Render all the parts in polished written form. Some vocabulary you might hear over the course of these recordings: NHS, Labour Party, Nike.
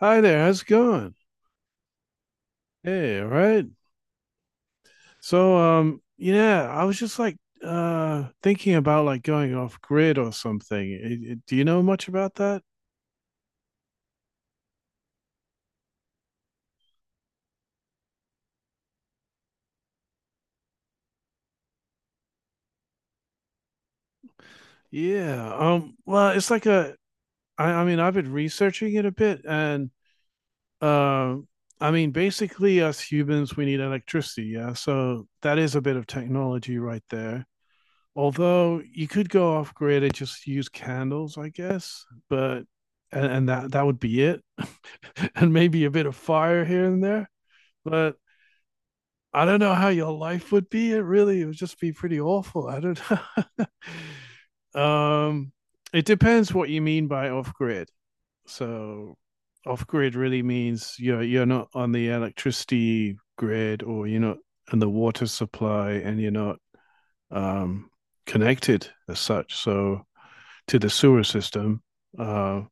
Hi there, how's it going? Hey, all right. I was just like thinking about like going off grid or something. Do you know much about that? Yeah. Well, it's like a I mean, I've been researching it a bit and um I mean, basically us humans we need electricity, yeah. So that is a bit of technology right there. Although you could go off grid and just use candles, I guess, but and that would be it, and maybe a bit of fire here and there. But I don't know how your life would be. It really it would just be pretty awful. I don't know. It depends what you mean by off grid. So off grid really means you're not on the electricity grid or you're not on the water supply and you're not um, connected as such. So to the sewer system. Uh,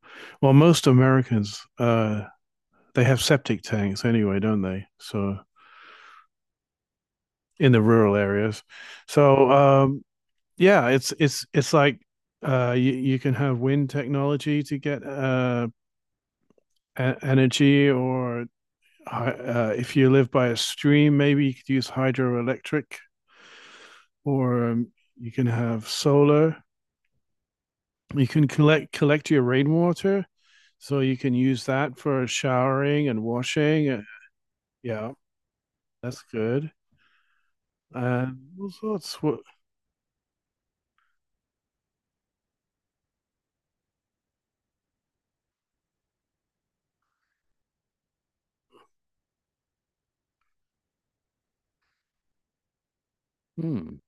well, most Americans they have septic tanks anyway, don't they? So in the rural areas. So um, yeah, it's like you can have wind technology to get energy, or if you live by a stream, maybe you could use hydroelectric, or you can have solar. You can collect your rainwater, so you can use that for showering and washing. Yeah, that's good. And all sorts. Hmm,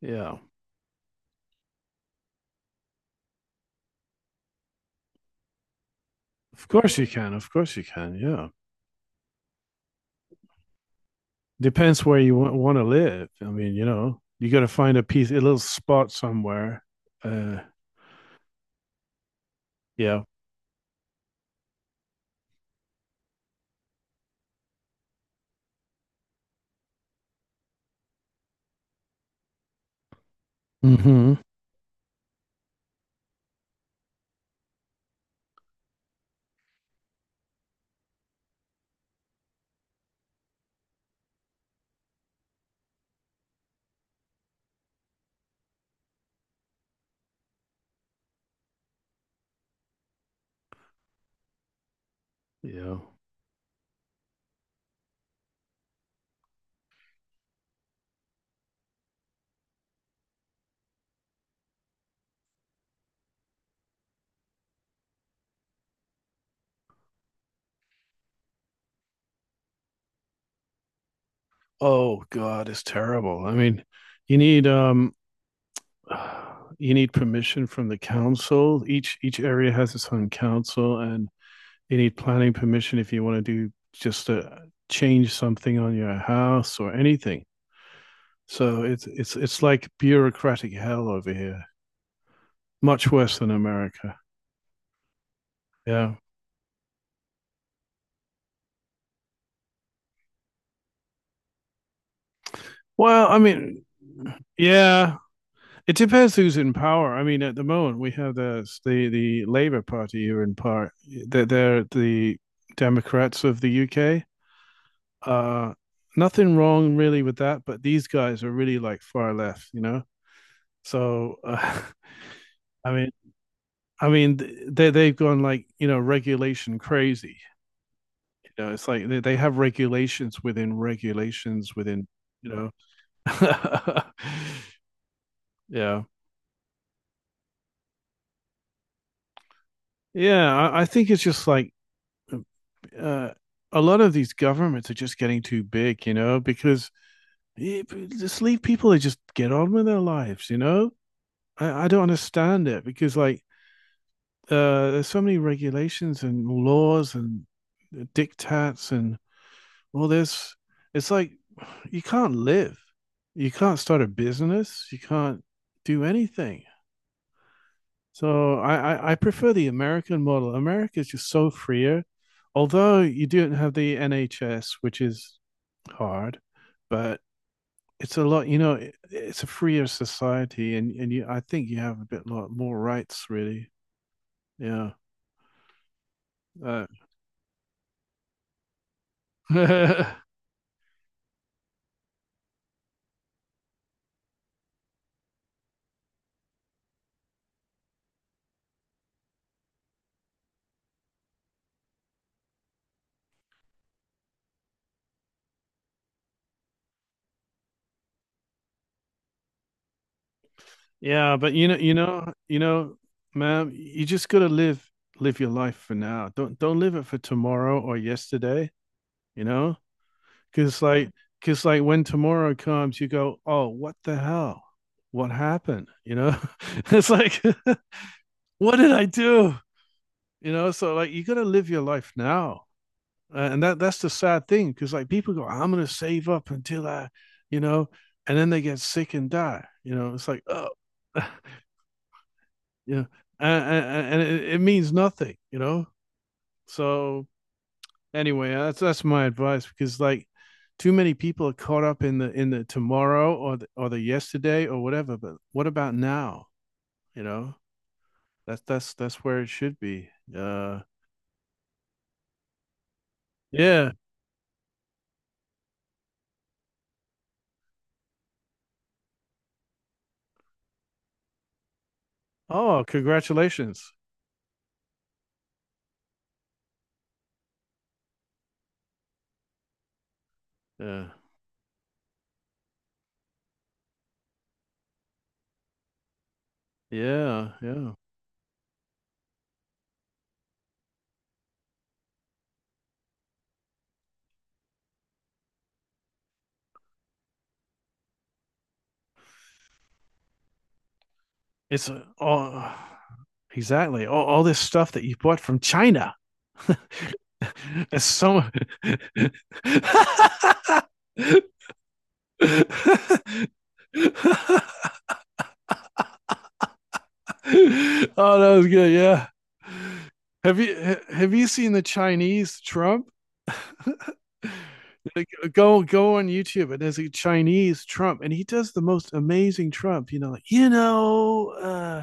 yeah, of course you can. Of course you can. Yeah, depends where you want to live. I mean, you know, you got to find a piece, a little spot somewhere. Uh, yeah. Mm-hmm. Yeah. Oh God, it's terrible. I mean, you need um you need permission from the council. Each area has its own council, and you need planning permission if you want to do just a change something on your house or anything. So it's like bureaucratic hell over here, much worse than America. Yeah. Well, I mean, yeah, it depends who's in power. I mean, at the moment we have the Labour Party here in part. They're the Democrats of the UK. Uh, Nothing wrong really with that, but these guys are really like far left, you know. So uh, I mean, I mean, they they've gone like you know regulation crazy. You know, it's like they have regulations within regulations within. You know, yeah, yeah. I think it's just like uh, a lot of these governments are just getting too big, you know, because eh, just leave people to just get on with their lives, you know. I don't understand it because like there's so many regulations and laws and diktats and all this. It's like you can't live, you can't start a business, you can't do anything. So I prefer the American model. America is just so freer, although you don't have the NHS, which is hard, but it's a lot. You know, it's a freer society, and I think you have a bit lot more rights, really. Yeah. Uh, yeah, but you know, ma'am, you just gotta live your life for now. Don't live it for tomorrow or yesterday, you know, because like because like, when tomorrow comes, you go, "Oh, what the hell? What happened?" You know? It's like, "What did I do?" You know, so like you gotta live your life now. And that's the sad thing, because like people go, "I'm gonna save up until I, you know," and then they get sick and die. You know, it's like, "Oh." Yeah, it means nothing, you know. So anyway, that's my advice because like too many people are caught up in the tomorrow or the yesterday or whatever. But what about now? You know, that's where it should be. Uh, yeah. Oh, congratulations. Yeah, yeah, yeah. It's oh, exactly all this stuff that you bought from China. It's so. Oh, that was good. Yeah. Have you have you seen the Chinese Trump? Like, go on YouTube and there's a Chinese Trump and he does the most amazing Trump, you know, like, you know,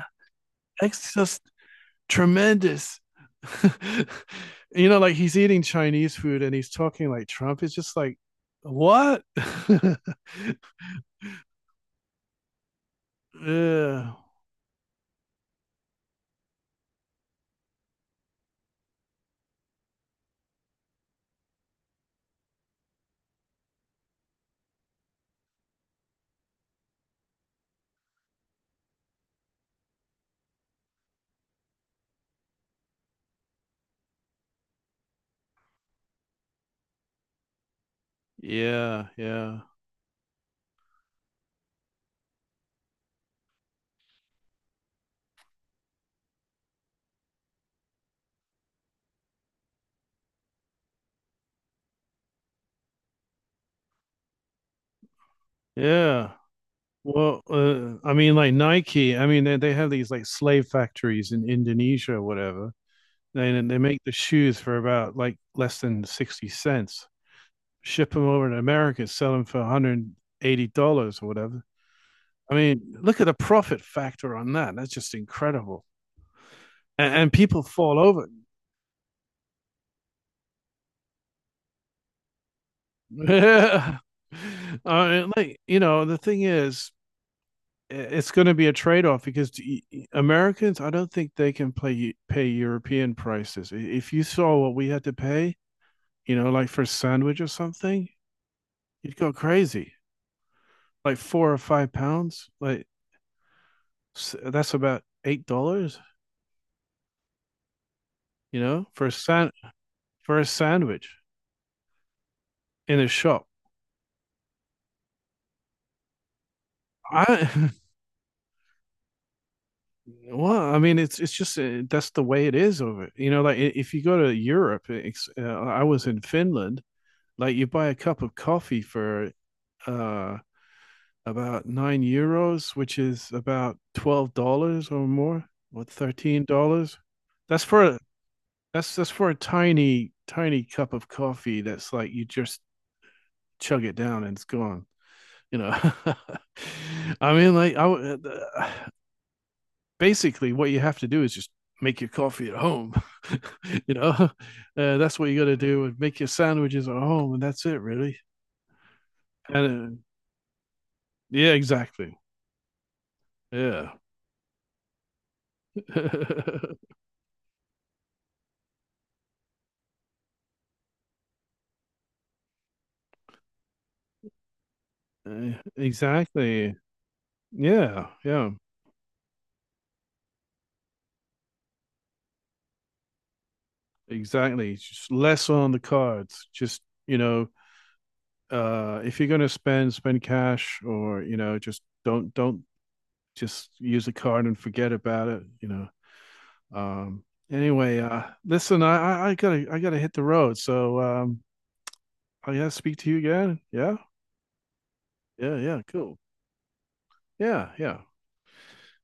it's just tremendous. You know, like he's eating Chinese food and he's talking like Trump. It's just like, what? Yeah, yeah, yeah, yeah. Well, I mean, like Nike, I mean, they have these like slave factories in Indonesia or whatever. They make the shoes for about like less than 60 cents, ship them over to America, sell them for $180 or whatever. I mean, look at the profit factor on that. That's just incredible. And people fall over. I mean, like, you know, the thing is, it's going to be a trade-off because Americans, I don't think they can play pay European prices. If you saw what we had to pay, you know, like for a sandwich or something, you'd go crazy. Like 4 or 5 pounds, like that's about $8, you know, for a sandwich in a shop. I Well, I mean, it's just that's the way it is over. You know, like if you go to Europe, I was in Finland. Like you buy a cup of coffee for uh about 9 euros, which is about $12 or more, or $13. That's for a that's for a tiny cup of coffee. That's like you just chug it down and it's gone. You know, I mean, like I uh, basically what you have to do is just make your coffee at home. You know, that's what you got to do. And make your sandwiches at home, and that's it, really. And yeah, exactly. Yeah. Uh, exactly. Yeah, yeah, exactly. Just less on the cards. Just, you know, if you're gonna spend cash or, you know, just don't just use a card and forget about it, you know. Um anyway, listen, I gotta hit the road. So I gotta speak to you again. Yeah? Yeah, yeah, cool. Yeah, yeah.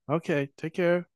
Okay, take care.